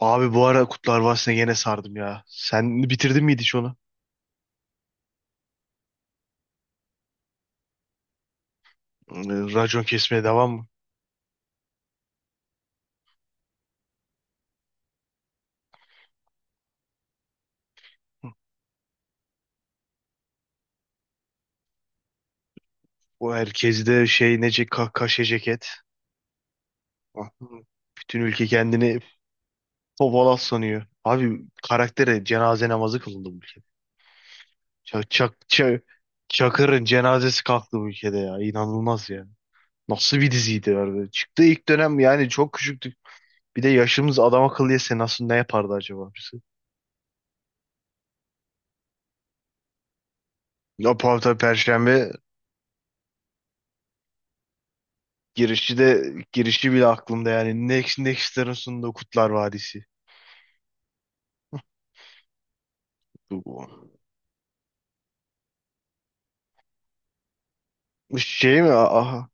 Abi bu ara Kurtlar Vadisi'ne gene sardım ya. Sen bitirdin miydi hiç onu? Racon kesmeye devam mı? Bu herkes de şey nece kaşe ceket. Ah. Bütün ülke kendini Topalaz sanıyor. Abi karaktere cenaze namazı kılındı bu ülkede. Çak, çak, ça- Çakır'ın cenazesi kalktı bu ülkede ya. İnanılmaz ya. Nasıl bir diziydi abi. Çıktı ilk dönem yani çok küçüktük. Bir de yaşımız adam akıllı yese nasıl ne yapardı acaba? Birisi? Ya tabii Perşembe. Girişi bile aklımda yani. Next'lerin sunduğu Kutlar Vadisi. Bu, bu. Bu şey mi? Aha.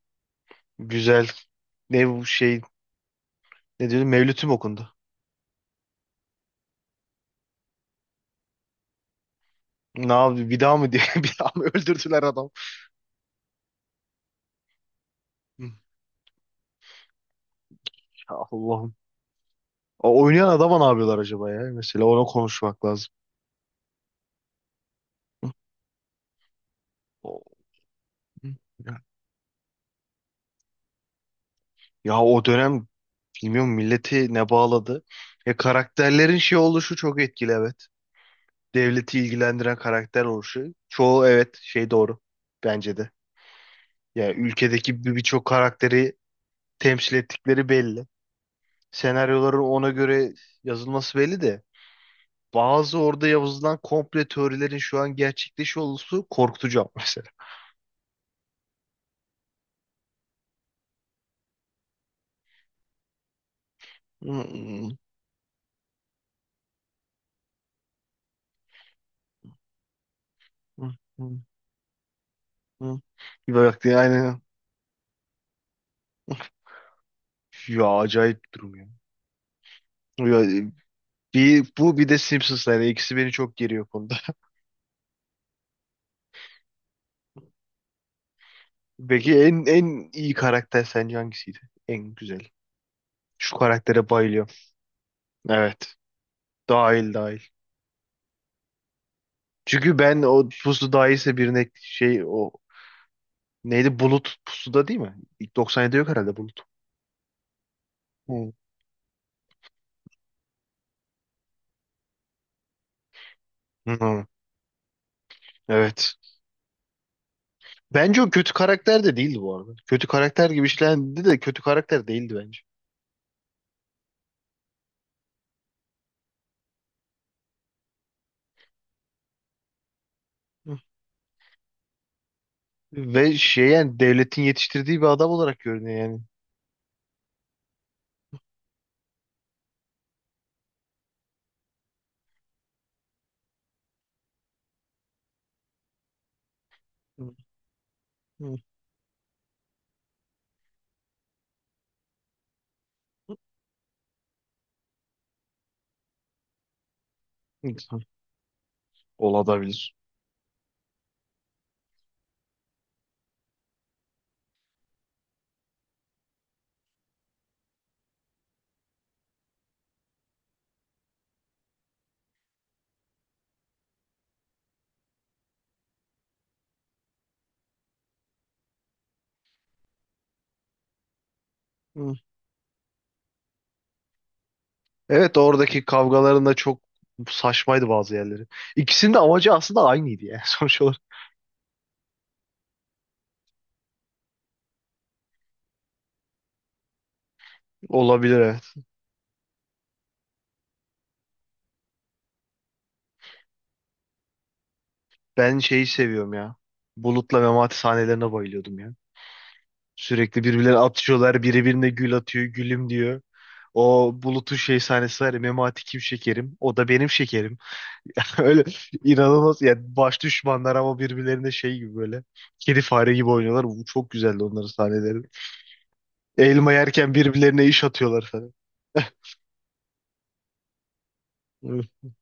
Güzel. Ne bu şey? Ne diyordu? Mevlüt'üm okundu. Ne yaptı? Bir daha mı diye bir daha mı öldürdüler adam? Hı. Ya Allah'ım. O oynayan adama ne yapıyorlar acaba ya? Mesela ona konuşmak lazım. Hı, o- hı, ya, ya o dönem bilmiyorum milleti ne bağladı. Ya karakterlerin şey oluşu çok etkili, evet. Devleti ilgilendiren karakter oluşu. Çoğu evet şey doğru. Bence de. Yani ülkedeki birçok karakteri temsil ettikleri belli. Senaryoların ona göre yazılması belli de bazı orada yazılan komple teorilerin şu an gerçekleşiyor olması korkutucu ama mesela. Hmm. Hmm. Hmm. Hmm. Bir bak diye aynen. Ya acayip bir durum ya. Ya, bu bir de Simpsons'lar. Yani ikisi beni çok geriyor bu konuda. Peki en iyi karakter sence hangisiydi? En güzel. Şu karaktere bayılıyorum. Evet. Dahil dahil. Çünkü ben o pusu daha iyiyse birine şey, o neydi, bulut pusuda değil mi? İlk 97'de yok herhalde bulut. Hı. Hı, evet. Bence o kötü karakter de değildi bu arada. Kötü karakter gibi işlendi de kötü karakter değildi bence. Hı. Ve şey yani devletin yetiştirdiği bir adam olarak görünüyor yani. Hı. Hı. Hı. Olabilir. Hı. Evet, oradaki kavgaların da çok saçmaydı bazı yerleri. İkisinin de amacı aslında aynıydı yani sonuç olarak. Olabilir, evet. Ben şeyi seviyorum ya. Bulut'la Memati sahnelerine bayılıyordum ya. Sürekli birbirlerine atışıyorlar. Biri birine gül atıyor. Gülüm diyor. O Bulut'un şey sahnesi var ya. Memati kim şekerim? O da benim şekerim. Öyle inanılmaz. Yani baş düşmanlar ama birbirlerine şey gibi böyle. Kedi fare gibi oynuyorlar. Bu çok güzeldi onların sahneleri. Elma yerken birbirlerine iş atıyorlar falan.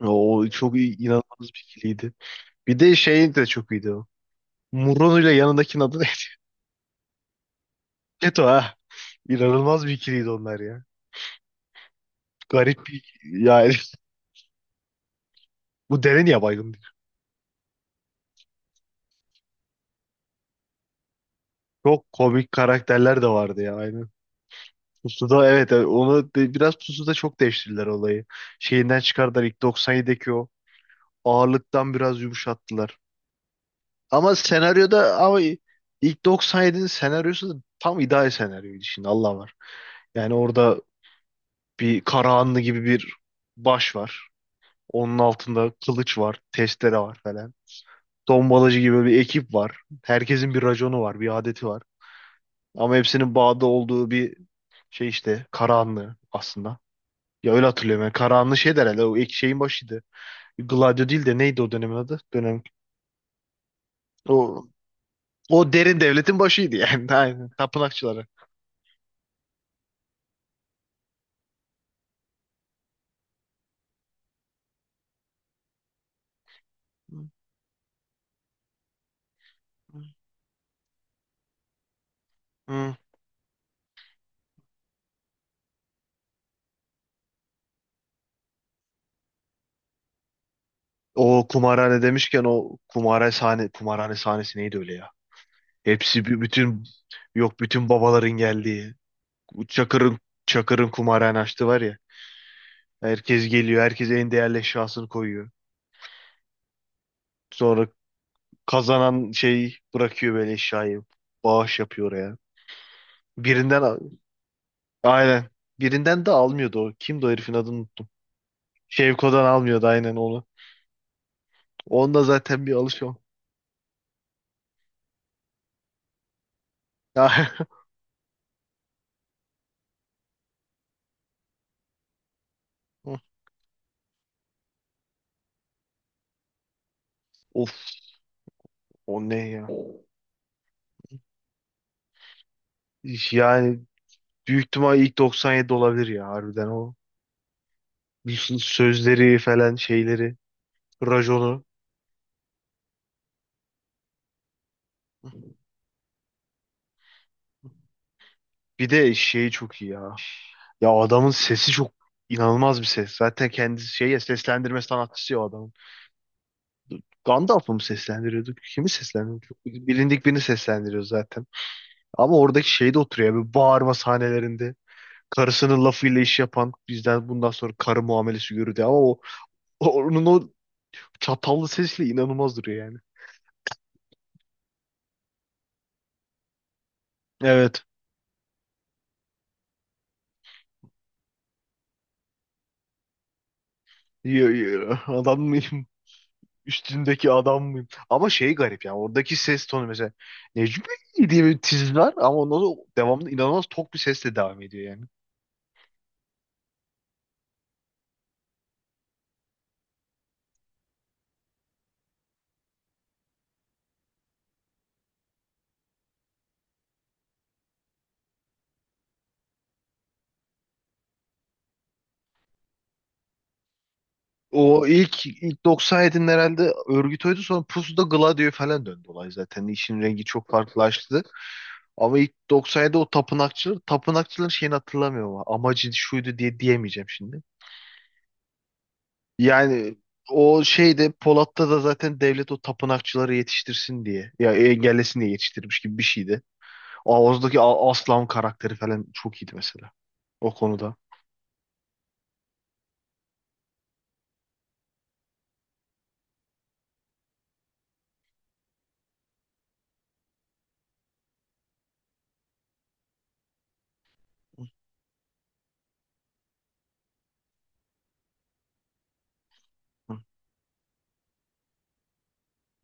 O çok inanılmaz bir ikiliydi. Bir de şey de çok iyiydi o. Muronu ile yanındakinin adı ne? Keto, ha. İnanılmaz bir ikiliydi onlar ya. Garip bir, yani bu deve niye baygın? Çok komik karakterler de vardı ya, aynen. Pusuda evet, evet, biraz Pusuda çok değiştirdiler olayı. Şeyinden çıkardılar ilk 97'deki o ağırlıktan biraz yumuşattılar. Ama ilk 97'nin senaryosu da tam ideal senaryoydu şimdi Allah var. Yani orada bir Karahanlı gibi bir baş var. Onun altında kılıç var, testere var falan. Tombalacı gibi bir ekip var. Herkesin bir raconu var, bir adeti var. Ama hepsinin bağda olduğu bir şey işte Karahanlı aslında. Ya öyle hatırlıyorum. Yani Karahanlı şey der herhalde, o ek şeyin başıydı. Gladio değil de neydi o dönemin adı? Dönem. O, o derin devletin başıydı yani. Aynen. Tapınakçıları. Hı. O kumarhane demişken o kumarhane sahne kumarhane sahnesi neydi öyle ya? Hepsi bir- bütün Yok, bütün babaların geldiği. Çakır'ın Çakır'ın kumarhane açtı var ya. Herkes geliyor. Herkes en değerli eşyasını koyuyor. Sonra kazanan şey bırakıyor böyle eşyayı. Bağış yapıyor oraya. Birinden al- aynen. Birinden de almıyordu o. Kimdi o, herifin adını unuttum. Şevko'dan almıyordu aynen onu. Onda zaten bir alışıyor. Of, o ne ya. Yani büyük ihtimal ilk 97 olabilir ya harbiden o. Bir sürü sözleri falan, şeyleri. Raconu. Bir de şeyi çok iyi ya. Ya adamın sesi çok, inanılmaz bir ses. Zaten kendisi şey ya, seslendirme sanatçısı ya o adamın. Gandalf'ı mı seslendiriyordu? Kimi seslendiriyordu? Çok bilindik birini seslendiriyor zaten. Ama oradaki şey de oturuyor ya, bir bağırma sahnelerinde. Karısının lafıyla iş yapan bizden bundan sonra karı muamelesi görürdü ama onun o çatallı sesiyle inanılmaz duruyor yani. Evet. Yo, yo, adam üstündeki adam mıyım? Ama şey garip yani oradaki ses tonu mesela Necmi diye bir tiz var ama ondan sonra devamlı inanılmaz tok bir sesle devam ediyor yani. O ilk 97'nin herhalde örgüt oydu, sonra Pusu'da Gladio'ya falan döndü olay zaten. İşin rengi çok farklılaştı. Ama ilk 97'de o tapınakçıların şeyini hatırlamıyorum ama amacı şuydu diye diyemeyeceğim şimdi. Yani o şeyde Polat'ta da zaten devlet o tapınakçıları yetiştirsin diye ya engellesin diye yetiştirmiş gibi bir şeydi. Oğuz'daki Aslan karakteri falan çok iyiydi mesela. O konuda.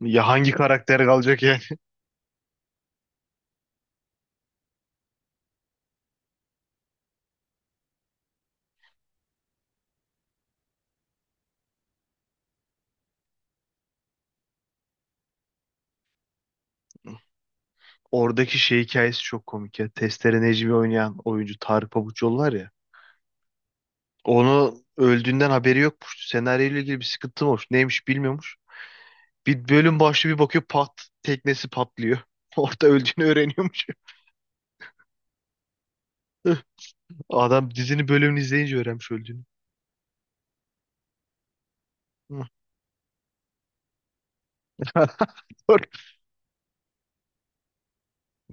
Ya hangi karakter kalacak yani? Oradaki şey hikayesi çok komik ya. Testere Necmi oynayan oyuncu Tarık Pabuçoğlu var ya. Onu öldüğünden haberi yokmuş. Senaryo ile ilgili bir sıkıntı mı olmuş? Neymiş bilmiyormuş. Bir bölüm başlıyor bir bakıyor pat teknesi patlıyor. Orada öldüğünü öğreniyormuş. Adam dizinin bölümünü izleyince öğrenmiş öldüğünü. Doğru.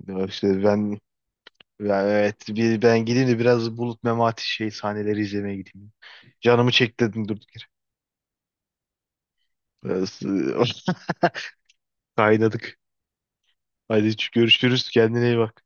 Ya İşte ben. Ya evet, bir ben gideyim de biraz Bulut Memati şey sahneleri izlemeye gideyim. Canımı çektirdim durduk yere. Biraz. Kaynadık. Hadi görüşürüz. Kendine iyi bak.